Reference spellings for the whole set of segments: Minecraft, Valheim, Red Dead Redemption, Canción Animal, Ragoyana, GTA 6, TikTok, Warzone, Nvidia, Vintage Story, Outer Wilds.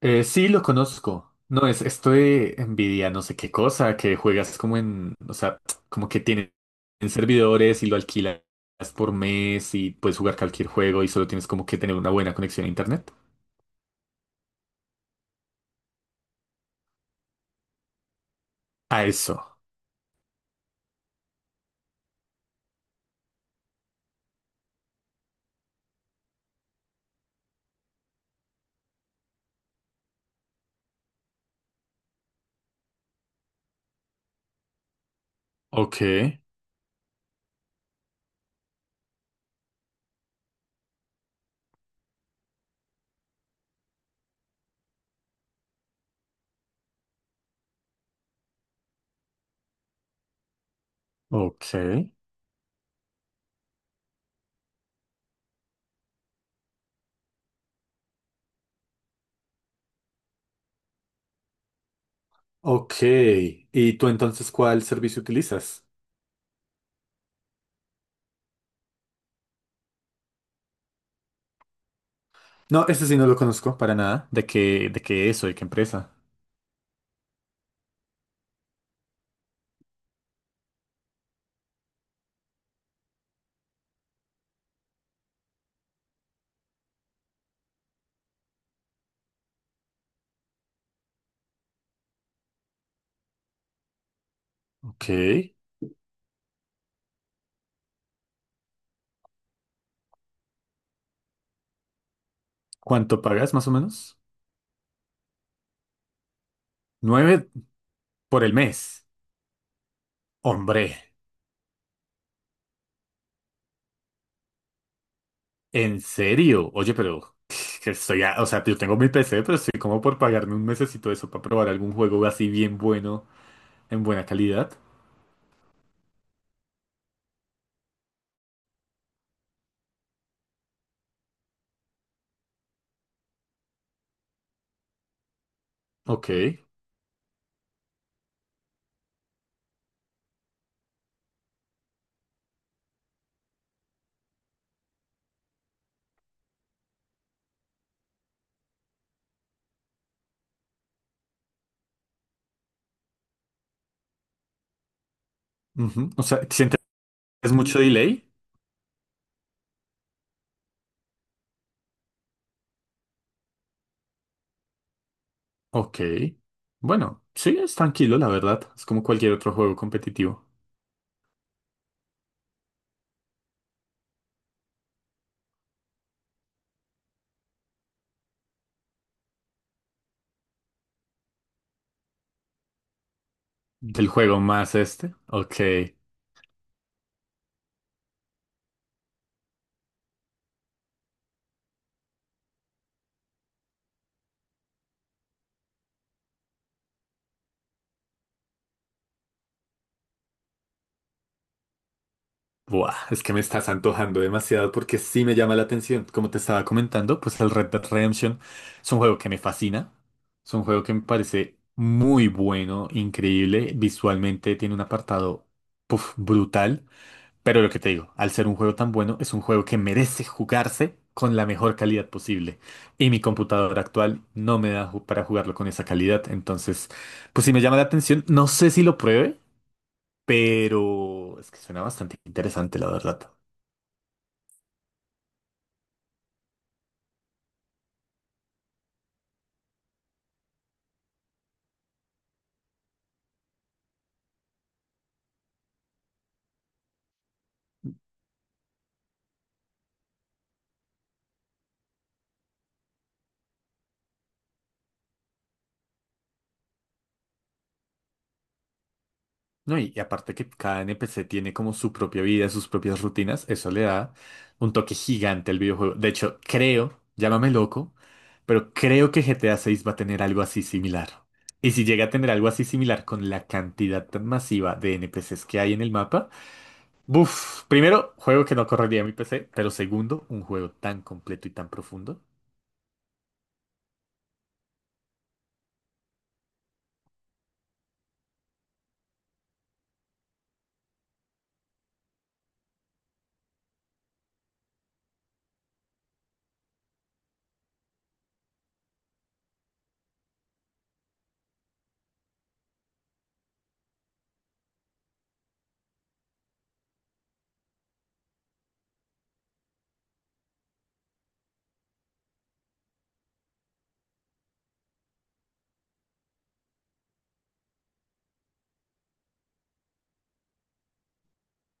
Sí, lo conozco. No, es esto de Nvidia, no sé qué cosa, que juegas o sea, como que tienen servidores y lo alquilas por mes y puedes jugar cualquier juego y solo tienes como que tener una buena conexión a internet. A eso. Ok, ok, ok. ¿Y tú entonces cuál servicio utilizas? No, ese sí no lo conozco para nada. De qué eso? ¿De qué empresa? Ok. ¿Cuánto pagas más o menos? Nueve por el mes. Hombre. ¿En serio? Oye, pero que o sea, yo tengo mi PC, pero estoy como por pagarme un mesecito de eso para probar algún juego así bien bueno, en buena calidad. Ok. Ujú. O sea, ¿sientes mucho delay? Ok. Bueno, sí, es tranquilo, la verdad. Es como cualquier otro juego competitivo. El juego más este. Ok. Buah, es que me estás antojando demasiado porque sí me llama la atención. Como te estaba comentando, pues el Red Dead Redemption es un juego que me fascina. Es un juego que me parece muy bueno, increíble. Visualmente tiene un apartado, puf, brutal. Pero lo que te digo, al ser un juego tan bueno, es un juego que merece jugarse con la mejor calidad posible. Y mi computadora actual no me da para jugarlo con esa calidad. Entonces, pues sí me llama la atención. No sé si lo pruebe, pero es que suena bastante interesante, la verdad. No, y aparte que cada NPC tiene como su propia vida, sus propias rutinas, eso le da un toque gigante al videojuego. De hecho, creo, llámame loco, pero creo que GTA 6 va a tener algo así similar. Y si llega a tener algo así similar con la cantidad tan masiva de NPCs que hay en el mapa, buf, primero, juego que no correría en mi PC, pero segundo, un juego tan completo y tan profundo.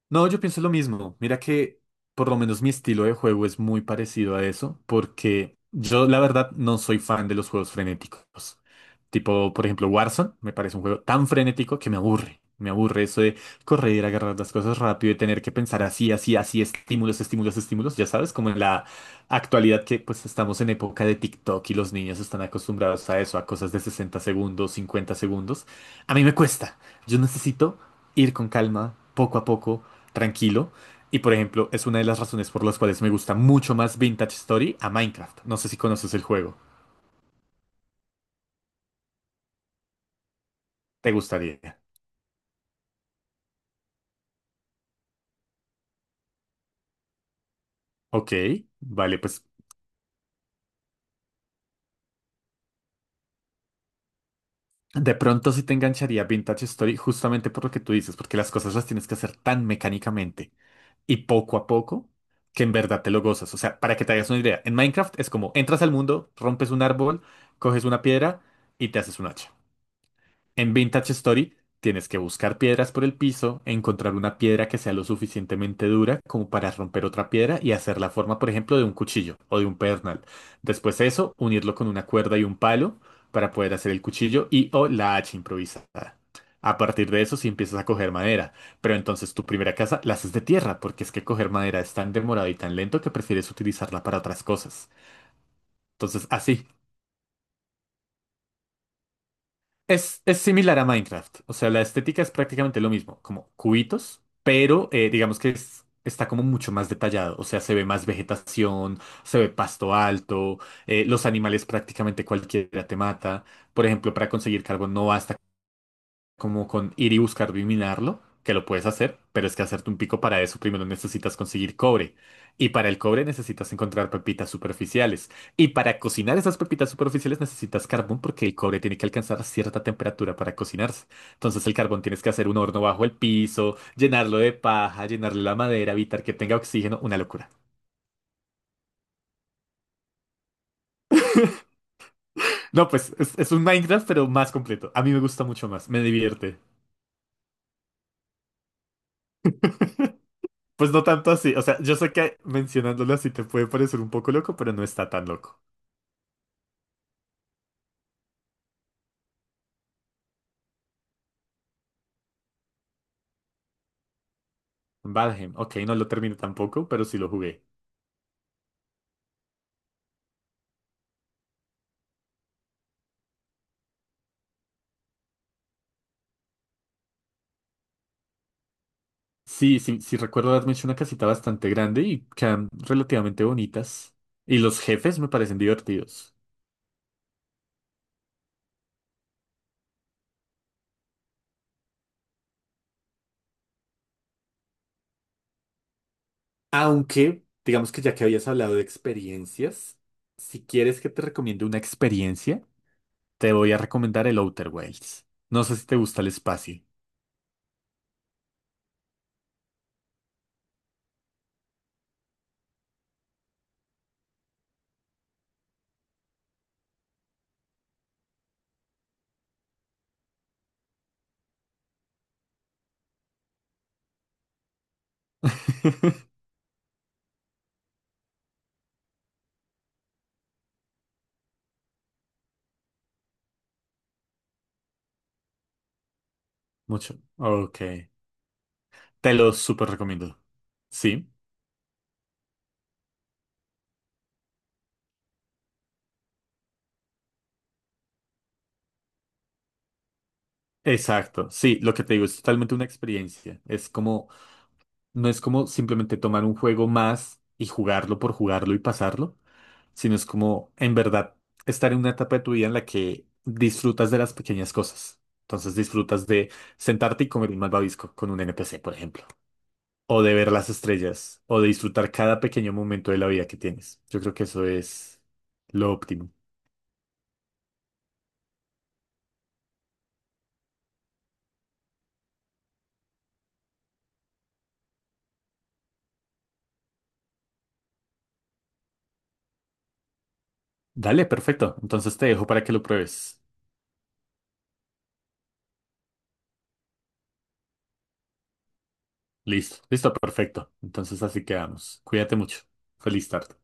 No, yo pienso lo mismo. Mira que por lo menos mi estilo de juego es muy parecido a eso, porque yo la verdad no soy fan de los juegos frenéticos. Tipo, por ejemplo, Warzone me parece un juego tan frenético que me aburre. Me aburre eso de correr, agarrar las cosas rápido y tener que pensar así, así, así, estímulos, estímulos, estímulos. Ya sabes, como en la actualidad que pues estamos en época de TikTok y los niños están acostumbrados a eso, a cosas de 60 segundos, 50 segundos. A mí me cuesta. Yo necesito ir con calma, poco a poco tranquilo. Y por ejemplo, es una de las razones por las cuales me gusta mucho más Vintage Story a Minecraft. No sé si conoces el juego. ¿Te gustaría? Ok, vale, pues de pronto sí te engancharía Vintage Story justamente por lo que tú dices, porque las cosas las tienes que hacer tan mecánicamente y poco a poco que en verdad te lo gozas. O sea, para que te hagas una idea, en Minecraft es como entras al mundo, rompes un árbol, coges una piedra y te haces un hacha. En Vintage Story tienes que buscar piedras por el piso, encontrar una piedra que sea lo suficientemente dura como para romper otra piedra y hacer la forma, por ejemplo, de un cuchillo o de un pedernal. Después de eso, unirlo con una cuerda y un palo para poder hacer el cuchillo y o la hacha improvisada. A partir de eso, sí empiezas a coger madera, pero entonces tu primera casa la haces de tierra, porque es que coger madera es tan demorado y tan lento que prefieres utilizarla para otras cosas. Entonces, así, es similar a Minecraft, o sea, la estética es prácticamente lo mismo, como cubitos, pero digamos que está como mucho más detallado, o sea, se ve más vegetación, se ve pasto alto, los animales prácticamente cualquiera te mata, por ejemplo, para conseguir carbón no basta como con ir y buscar minarlo, que lo puedes hacer, pero es que hacerte un pico para eso primero necesitas conseguir cobre. Y para el cobre necesitas encontrar pepitas superficiales. Y para cocinar esas pepitas superficiales necesitas carbón porque el cobre tiene que alcanzar cierta temperatura para cocinarse. Entonces el carbón tienes que hacer un horno bajo el piso, llenarlo de paja, llenarle la madera, evitar que tenga oxígeno, una locura. No, pues es un Minecraft, pero más completo. A mí me gusta mucho más, me divierte. Pues no tanto así, o sea, yo sé que mencionándolo así te puede parecer un poco loco, pero no está tan loco. Valheim, ok, no lo terminé tampoco, pero sí lo jugué. Sí, sí, sí recuerdo haberme hecho una casita bastante grande y quedan relativamente bonitas. Y los jefes me parecen divertidos. Aunque, digamos que ya que habías hablado de experiencias, si quieres que te recomiende una experiencia, te voy a recomendar el Outer Wilds. No sé si te gusta el espacio. Mucho. Ok. Te lo súper recomiendo. Sí. Exacto, sí, lo que te digo es totalmente una experiencia. Es como, no es como simplemente tomar un juego más y jugarlo por jugarlo y pasarlo, sino es como, en verdad, estar en una etapa de tu vida en la que disfrutas de las pequeñas cosas. Entonces disfrutas de sentarte y comer un malvavisco con un NPC, por ejemplo, o de ver las estrellas, o de disfrutar cada pequeño momento de la vida que tienes. Yo creo que eso es lo óptimo. Dale, perfecto. Entonces te dejo para que lo pruebes. Listo, listo, perfecto. Entonces así quedamos. Cuídate mucho. Feliz tarde.